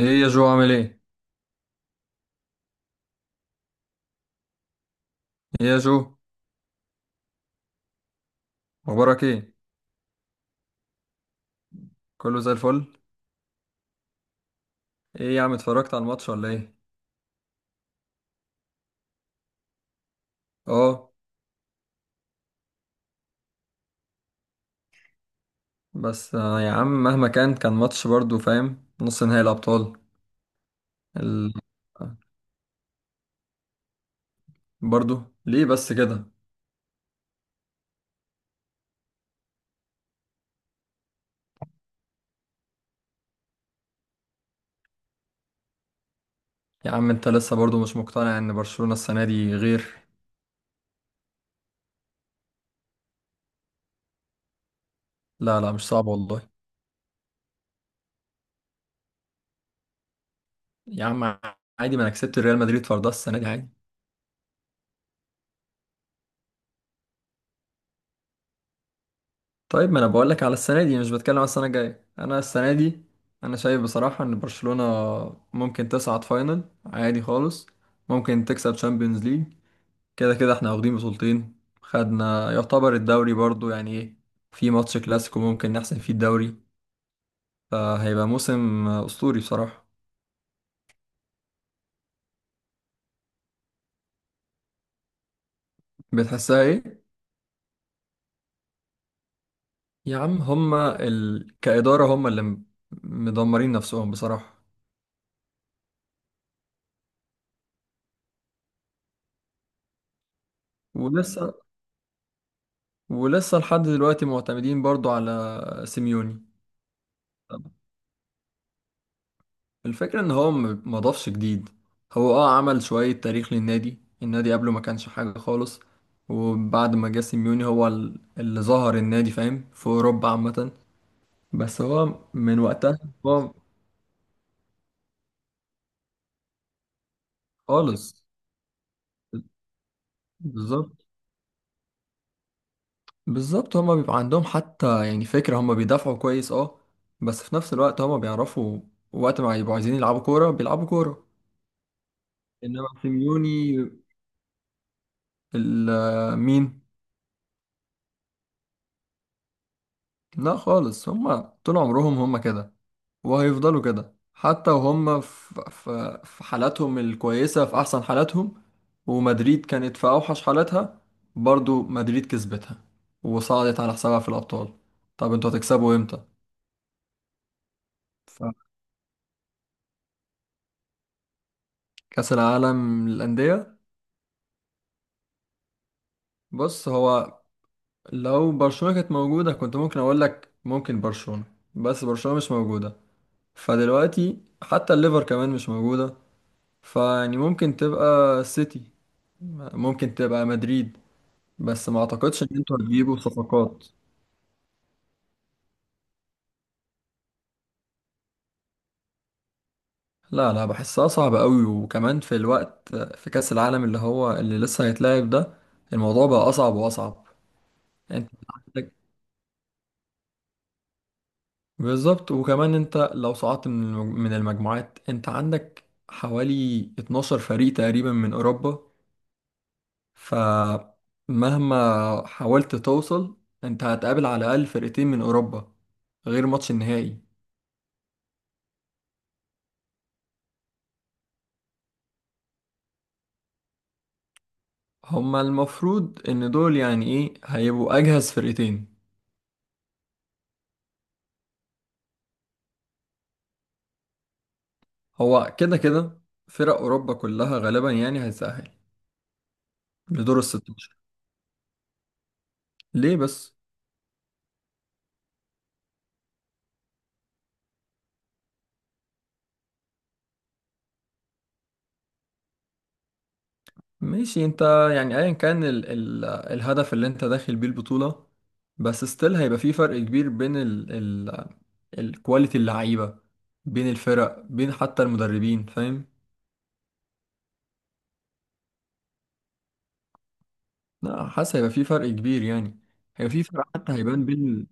ايه يا جو عامل ايه؟ ايه يا جو. اخبارك ايه؟ كله زي الفل؟ ايه يا عم اتفرجت على الماتش ولا ايه؟ اه. بس يا عم مهما كان ماتش برضو فاهم، نص نهائي الابطال. ال... برضو ليه بس كده؟ يا عم انت لسه برضو مش مقتنع ان برشلونة السنة دي غير. لا لا، مش صعب والله. يا عم عادي، ما انا كسبت ريال مدريد فردها السنة دي عادي. طيب ما انا بقول لك على السنه دي، مش بتكلم على السنه الجايه، انا السنه دي انا شايف بصراحه ان برشلونه ممكن تصعد فاينل عادي خالص، ممكن تكسب تشامبيونز ليج، كده كده احنا واخدين بطولتين، خدنا يعتبر الدوري برضو يعني ايه، في ماتش كلاسيكو ممكن نحسم فيه الدوري، فهيبقى موسم اسطوري بصراحه. بتحسها ايه؟ يا عم هما كاداره، هما اللي مدمرين نفسهم بصراحه. ولسه ولسه لحد دلوقتي معتمدين برضو على سيميوني. الفكرة ان هو ما ضافش جديد، هو عمل شوية تاريخ للنادي، النادي قبله ما كانش حاجة خالص، وبعد ما جه سيميوني هو اللي ظهر النادي فاهم في اوروبا عامة. بس هو من وقتها هو خالص. بالظبط. بالظبط هما بيبقى عندهم حتى يعني فكرة، هما بيدافعوا كويس اه، بس في نفس الوقت هما بيعرفوا وقت ما يبقوا عايزين يلعبوا كورة بيلعبوا كورة، انما سيميوني مين. لا خالص، هما طول عمرهم هما كده، وهيفضلوا كده حتى وهم في حالاتهم الكويسة في أحسن حالاتهم، ومدريد كانت في أوحش حالاتها، برضو مدريد كسبتها وصعدت على حسابها في الأبطال. طب انتوا هتكسبوا امتى؟ فكأس العالم للأندية. بص هو لو برشلونة كانت موجودة كنت ممكن أقول لك ممكن برشلونة، بس برشلونة مش موجودة، فدلوقتي حتى الليفر كمان مش موجودة، فيعني ممكن تبقى سيتي، ممكن تبقى مدريد، بس ما اعتقدش ان انتوا هتجيبوا صفقات. لا لا، بحسها صعبة قوي، وكمان في الوقت، في كأس العالم اللي هو اللي لسه هيتلعب ده، الموضوع بقى اصعب واصعب. انت عندك، بالظبط، وكمان انت لو صعدت من من المجموعات انت عندك حوالي 12 فريق تقريبا من اوروبا، فمهما حاولت توصل انت هتقابل على الاقل فرقتين من اوروبا، غير ماتش النهائي. هما المفروض ان دول يعني ايه، هيبقوا اجهز فرقتين. هو كده كده فرق أوروبا كلها غالبا يعني هيتأهل لدور الستاشر. ليه بس؟ ماشي انت، يعني ايا كان ال ال الهدف اللي انت داخل بيه البطولة، بس ستيل هيبقى في فرق كبير بين ال ال الكواليتي اللعيبة، بين الفرق، بين حتى المدربين، فاهم؟ لا، حاسس هيبقى في فرق كبير يعني، هيبقى في فرق حتى هيبان بين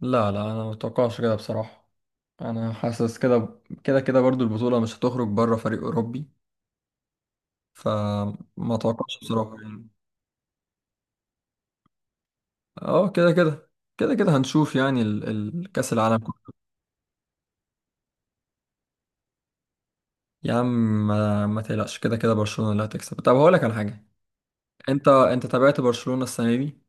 لا لا، انا متوقعش كده بصراحة، انا حاسس كده كده كده برضو البطولة مش هتخرج بره فريق أوروبي، فما اتوقعش بصراحة يعني. اه كده كده، كده كده هنشوف يعني كأس العالم كله. يا عم ما تقلقش، كده كده برشلونة اللي هتكسب. طب هقول لك على حاجة، انت تابعت برشلونة السنة دي؟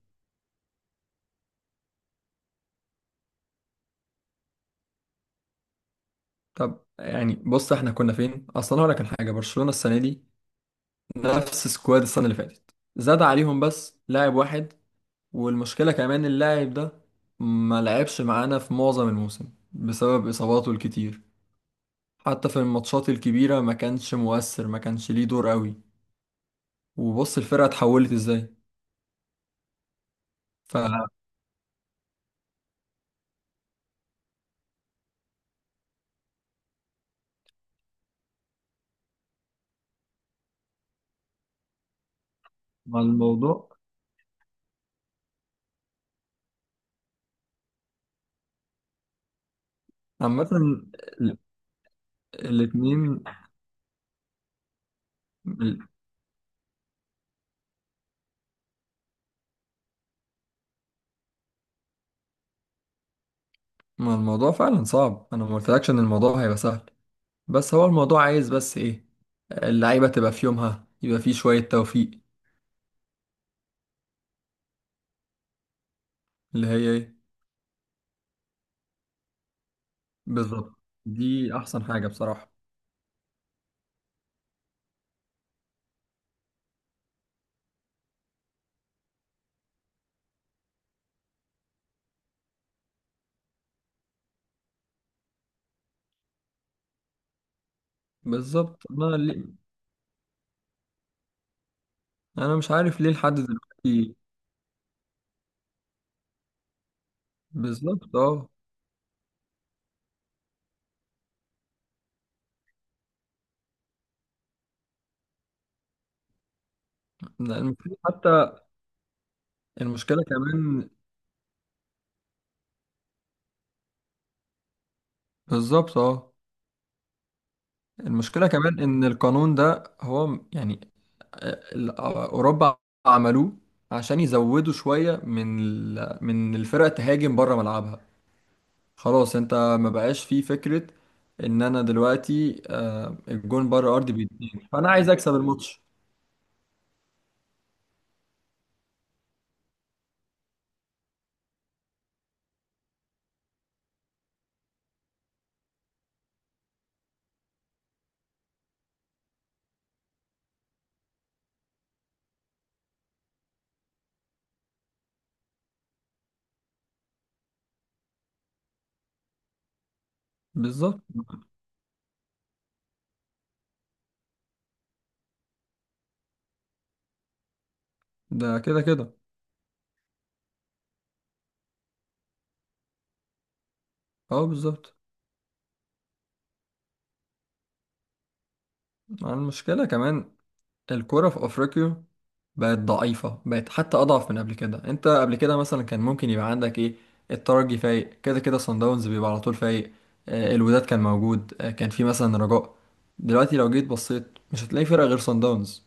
طب يعني بص احنا كنا فين اصلا، هقول لك على حاجة. برشلونة السنة دي نفس سكواد السنة اللي فاتت، زاد عليهم بس لاعب واحد، والمشكلة كمان اللاعب ده ما لعبش معانا في معظم الموسم بسبب إصاباته الكتير، حتى في الماتشات الكبيرة ما كانش مؤثر، ما كانش ليه دور قوي، وبص الفرقة اتحولت ازاي. مع الموضوع، فعامة الاتنين ال- ما الموضوع فعلا صعب، انا ما قلتلكش ان الموضوع هيبقى سهل، بس هو الموضوع عايز بس ايه، اللعيبة تبقى في يومها، يبقى في شوية توفيق. اللي هي ايه؟ بالظبط، دي احسن حاجة بصراحة. بالظبط، انا ليه انا مش عارف ليه لحد دلوقتي. بالظبط اه. المشكلة حتى، المشكلة كمان، بالظبط اه، المشكلة كمان ان القانون ده هو يعني اوروبا عملوه عشان يزودوا شويه من من الفرق تهاجم بره ملعبها، خلاص انت ما بقاش فيه فكره ان انا دلوقتي الجون بره ارضي بيتنين، فانا عايز اكسب الماتش. بالظبط، ده كده كده. اه بالظبط، مع المشكله كمان الكورة في أفريقيا بقت ضعيفة، بقت حتى أضعف من قبل كده. أنت قبل كده مثلا كان ممكن يبقى عندك إيه، الترجي فايق، كده كده صن داونز بيبقى على طول فايق، الوداد كان موجود، كان في مثلا رجاء، دلوقتي لو جيت بصيت مش هتلاقي فرقة غير صن داونز.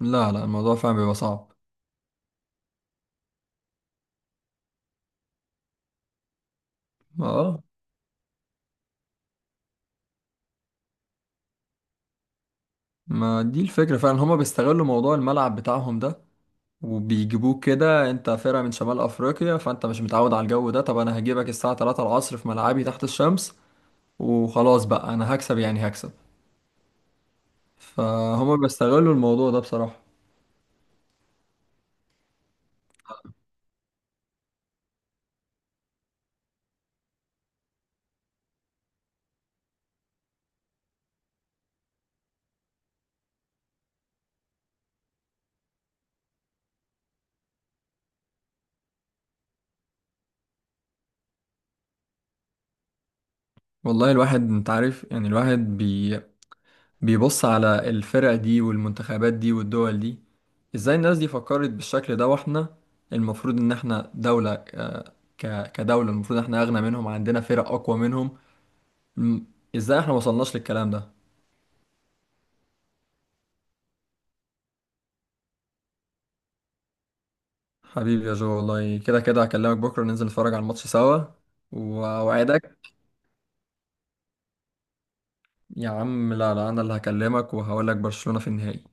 لا لا، الموضوع فعلا بيبقى صعب. اه، ما دي الفكرة فعلا، هما بيستغلوا موضوع الملعب بتاعهم ده، وبيجيبوك كده انت فرقة من شمال افريقيا، فانت مش متعود على الجو ده، طب انا هجيبك الساعة 3 العصر في ملعبي تحت الشمس، وخلاص بقى انا هكسب يعني هكسب، فهما بيستغلوا الموضوع ده بصراحة. والله الواحد انت عارف يعني الواحد بيبص على الفرق دي والمنتخبات دي والدول دي، ازاي الناس دي فكرت بالشكل ده، واحنا المفروض ان احنا دولة كدولة المفروض احنا اغنى منهم، عندنا فرق اقوى منهم، م- ازاي احنا ما وصلناش للكلام ده. حبيبي يا جو والله كده كده هكلمك بكرة، ننزل نتفرج على الماتش سوا واوعدك. يا عم لا لا، انا اللي هكلمك وهقول لك برشلونة في النهائي.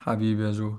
حبيبي يا جو.